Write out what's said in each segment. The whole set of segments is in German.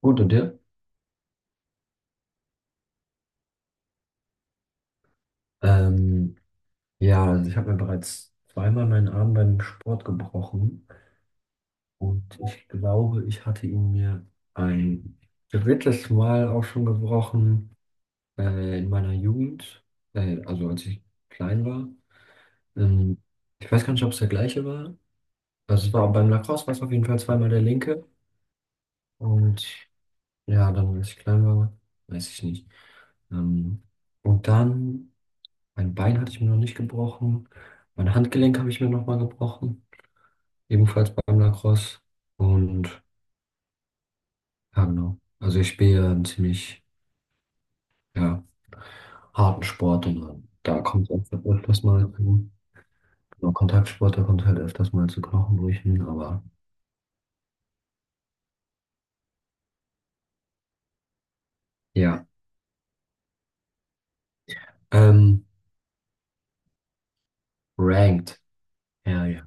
Gut, und dir? Ähm, ja, also ich habe mir bereits zweimal meinen Arm beim Sport gebrochen und ich glaube, ich hatte ihn mir ein drittes Mal auch schon gebrochen in meiner Jugend, also als ich klein war. Ähm, Ich weiß gar nicht, ob es der gleiche war. Also es war beim Lacrosse, war es auf jeden Fall zweimal der linke und ja, dann als ich klein war, weiß ich nicht. Ähm, und dann. Mein Bein hatte ich mir noch nicht gebrochen. Mein Handgelenk habe ich mir nochmal gebrochen. Ebenfalls beim Lacrosse. Und ja, genau. Also ich spiele ja einen ziemlich, ja, harten Sport und da kommt es halt öfters mal zu, genau, Kontaktsport, da kommt es halt öfters mal zu Knochenbrüchen, aber ja. Ähm, Ranked. Ja, ja.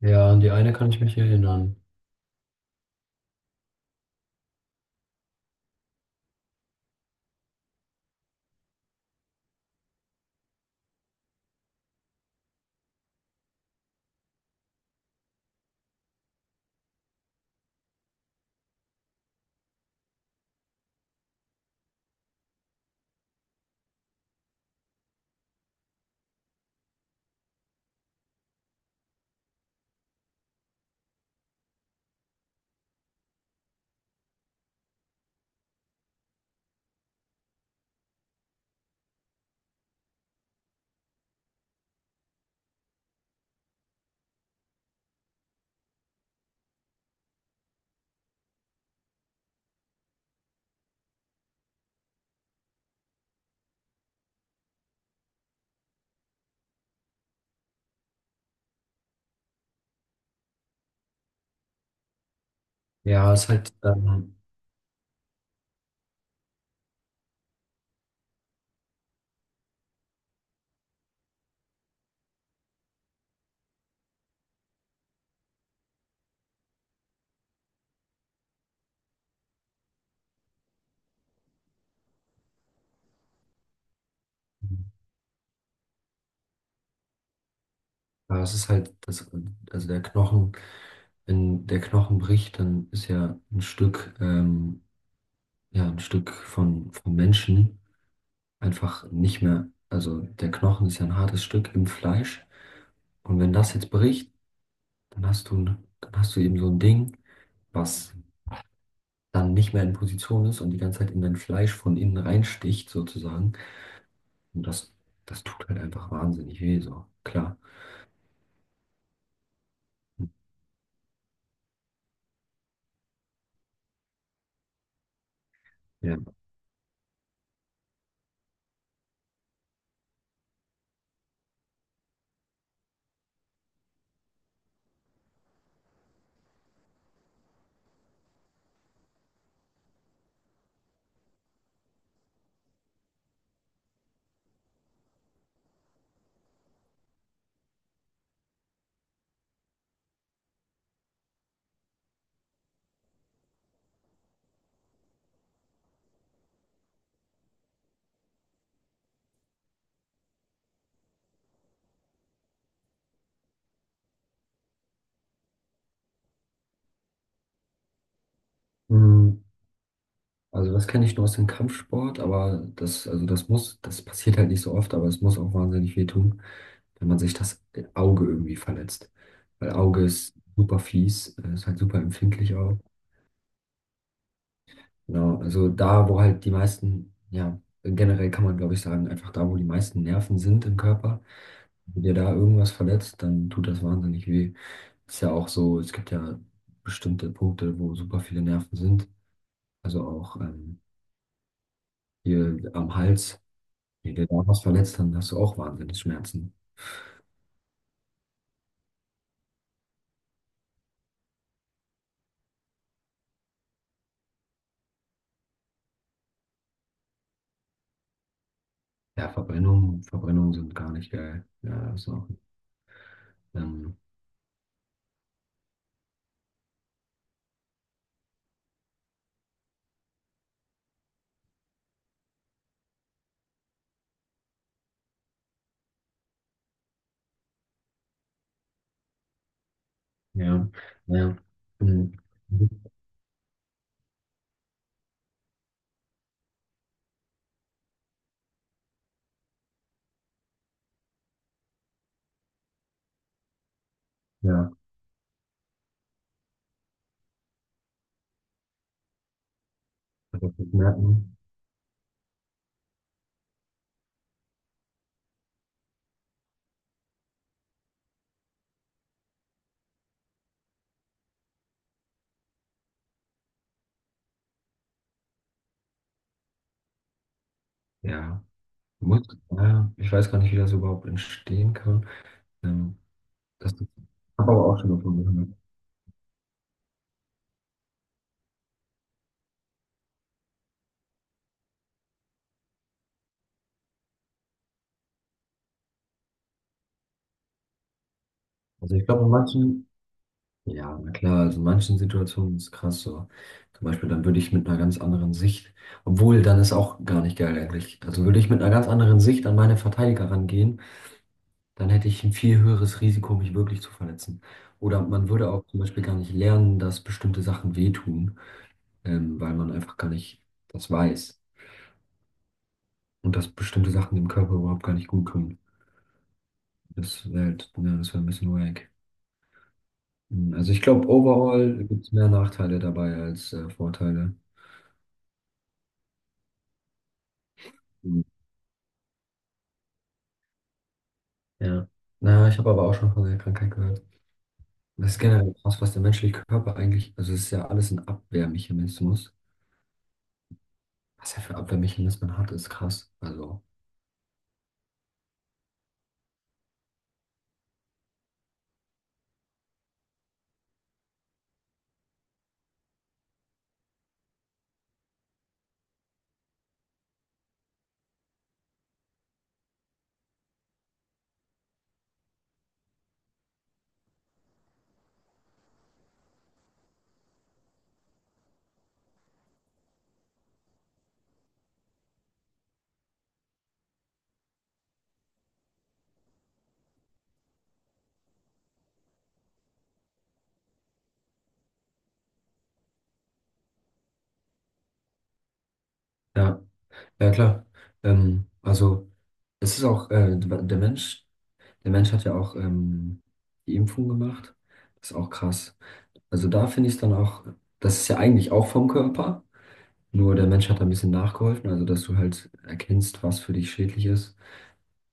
Ja, an die eine kann ich mich erinnern. Ja, es ist halt, ja, es ist halt, das, also der Knochen. Wenn der Knochen bricht, dann ist ja, ein Stück von, vom Menschen einfach nicht mehr. Also der Knochen ist ja ein hartes Stück im Fleisch. Und wenn das jetzt bricht, dann hast du, dann hast du eben so ein Ding, was dann nicht mehr in Position ist und die ganze Zeit in dein Fleisch von innen reinsticht, sozusagen. Und das, das tut halt einfach wahnsinnig weh, so. Klar. Ja. Mm, also das kenne ich nur aus dem Kampfsport, aber das, also das muss, das passiert halt nicht so oft, aber es muss auch wahnsinnig weh tun. Wenn man sich das Auge irgendwie verletzt. Weil Auge ist super fies, ist halt super empfindlich auch. Genau, also da, wo halt die meisten, ja, generell kann man, glaube ich, sagen, einfach da, wo die meisten Nerven sind im Körper, wenn dir da irgendwas verletzt, dann tut das wahnsinnig weh. Ist ja auch so, es gibt ja bestimmte Punkte, wo super viele Nerven sind. Also auch hier am Hals, wenn dir da was verletzt, dann hast du auch wahnsinnig Schmerzen. Ja, Verbrennungen, Verbrennungen sind gar nicht geil. Ja, ist auch. Ähm, Ja, ja. Mhm. Mhm. Ja, also das merken. Ja, muss, ja, ich weiß gar nicht, wie das überhaupt entstehen kann. Ähm, Das habe aber auch schon davon gehört. Also ich glaube, in manchen, ja, na klar, also in manchen Situationen ist es krass so. Zum Beispiel, dann würde ich mit einer ganz anderen Sicht, obwohl, dann ist auch gar nicht geil eigentlich. Also würde ich mit einer ganz anderen Sicht an meine Verteidiger rangehen, dann hätte ich ein viel höheres Risiko, mich wirklich zu verletzen. Oder man würde auch zum Beispiel gar nicht lernen, dass bestimmte Sachen wehtun. Weil man einfach gar nicht das weiß und dass bestimmte Sachen dem Körper überhaupt gar nicht gut kommen. Das wäre halt, ne, das wäre ein bisschen wack. Hm, also ich glaube, overall gibt es mehr Nachteile dabei als Vorteile. Hm. Ja. Na, ich habe aber auch schon von der Krankheit gehört. Das ist generell krass, was der menschliche Körper eigentlich, also es ist ja alles ein Abwehrmechanismus. Was er für Abwehrmechanismen hat, ist krass. Also, ja, ja klar. Also es ist auch, der Mensch hat ja auch die Impfung gemacht. Das ist auch krass. Also da finde ich es dann auch, das ist ja eigentlich auch vom Körper, nur der Mensch hat da ein bisschen nachgeholfen, also dass du halt erkennst, was für dich schädlich ist.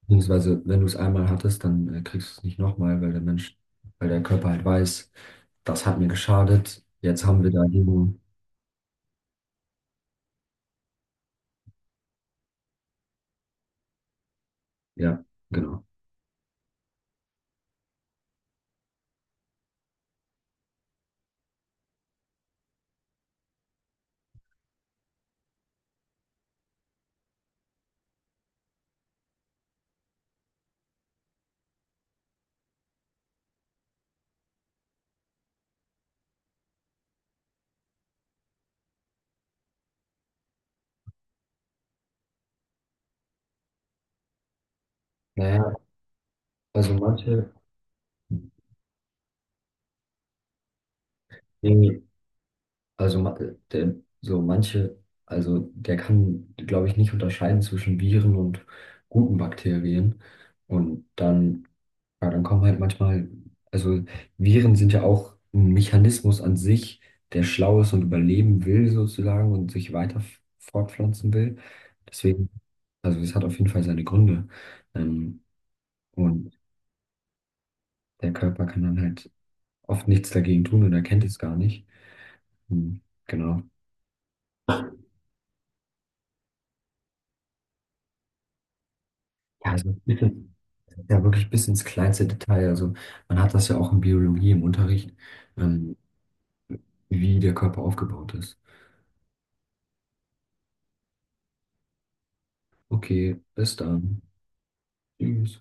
Beziehungsweise, wenn du es einmal hattest, dann kriegst du es nicht nochmal, weil der Körper halt weiß, das hat mir geschadet, jetzt haben wir da Heilung. Ja, genau. Naja, also manche, Also ma- äh, der, so manche, also der kann, glaube ich, nicht unterscheiden zwischen Viren und guten Bakterien. Und dann, ja, dann kommen halt manchmal, also Viren sind ja auch ein Mechanismus an sich, der schlau ist und überleben will sozusagen und sich weiter fortpflanzen will. Deswegen, also es hat auf jeden Fall seine Gründe. Ähm, und der Körper kann dann halt oft nichts dagegen tun und erkennt es gar nicht. Hm, genau. Ja, also ja, wirklich bis ins kleinste Detail. Also man hat das ja auch in Biologie im Unterricht, ähm, wie der Körper aufgebaut ist. Okay, bis dann. Tschüss.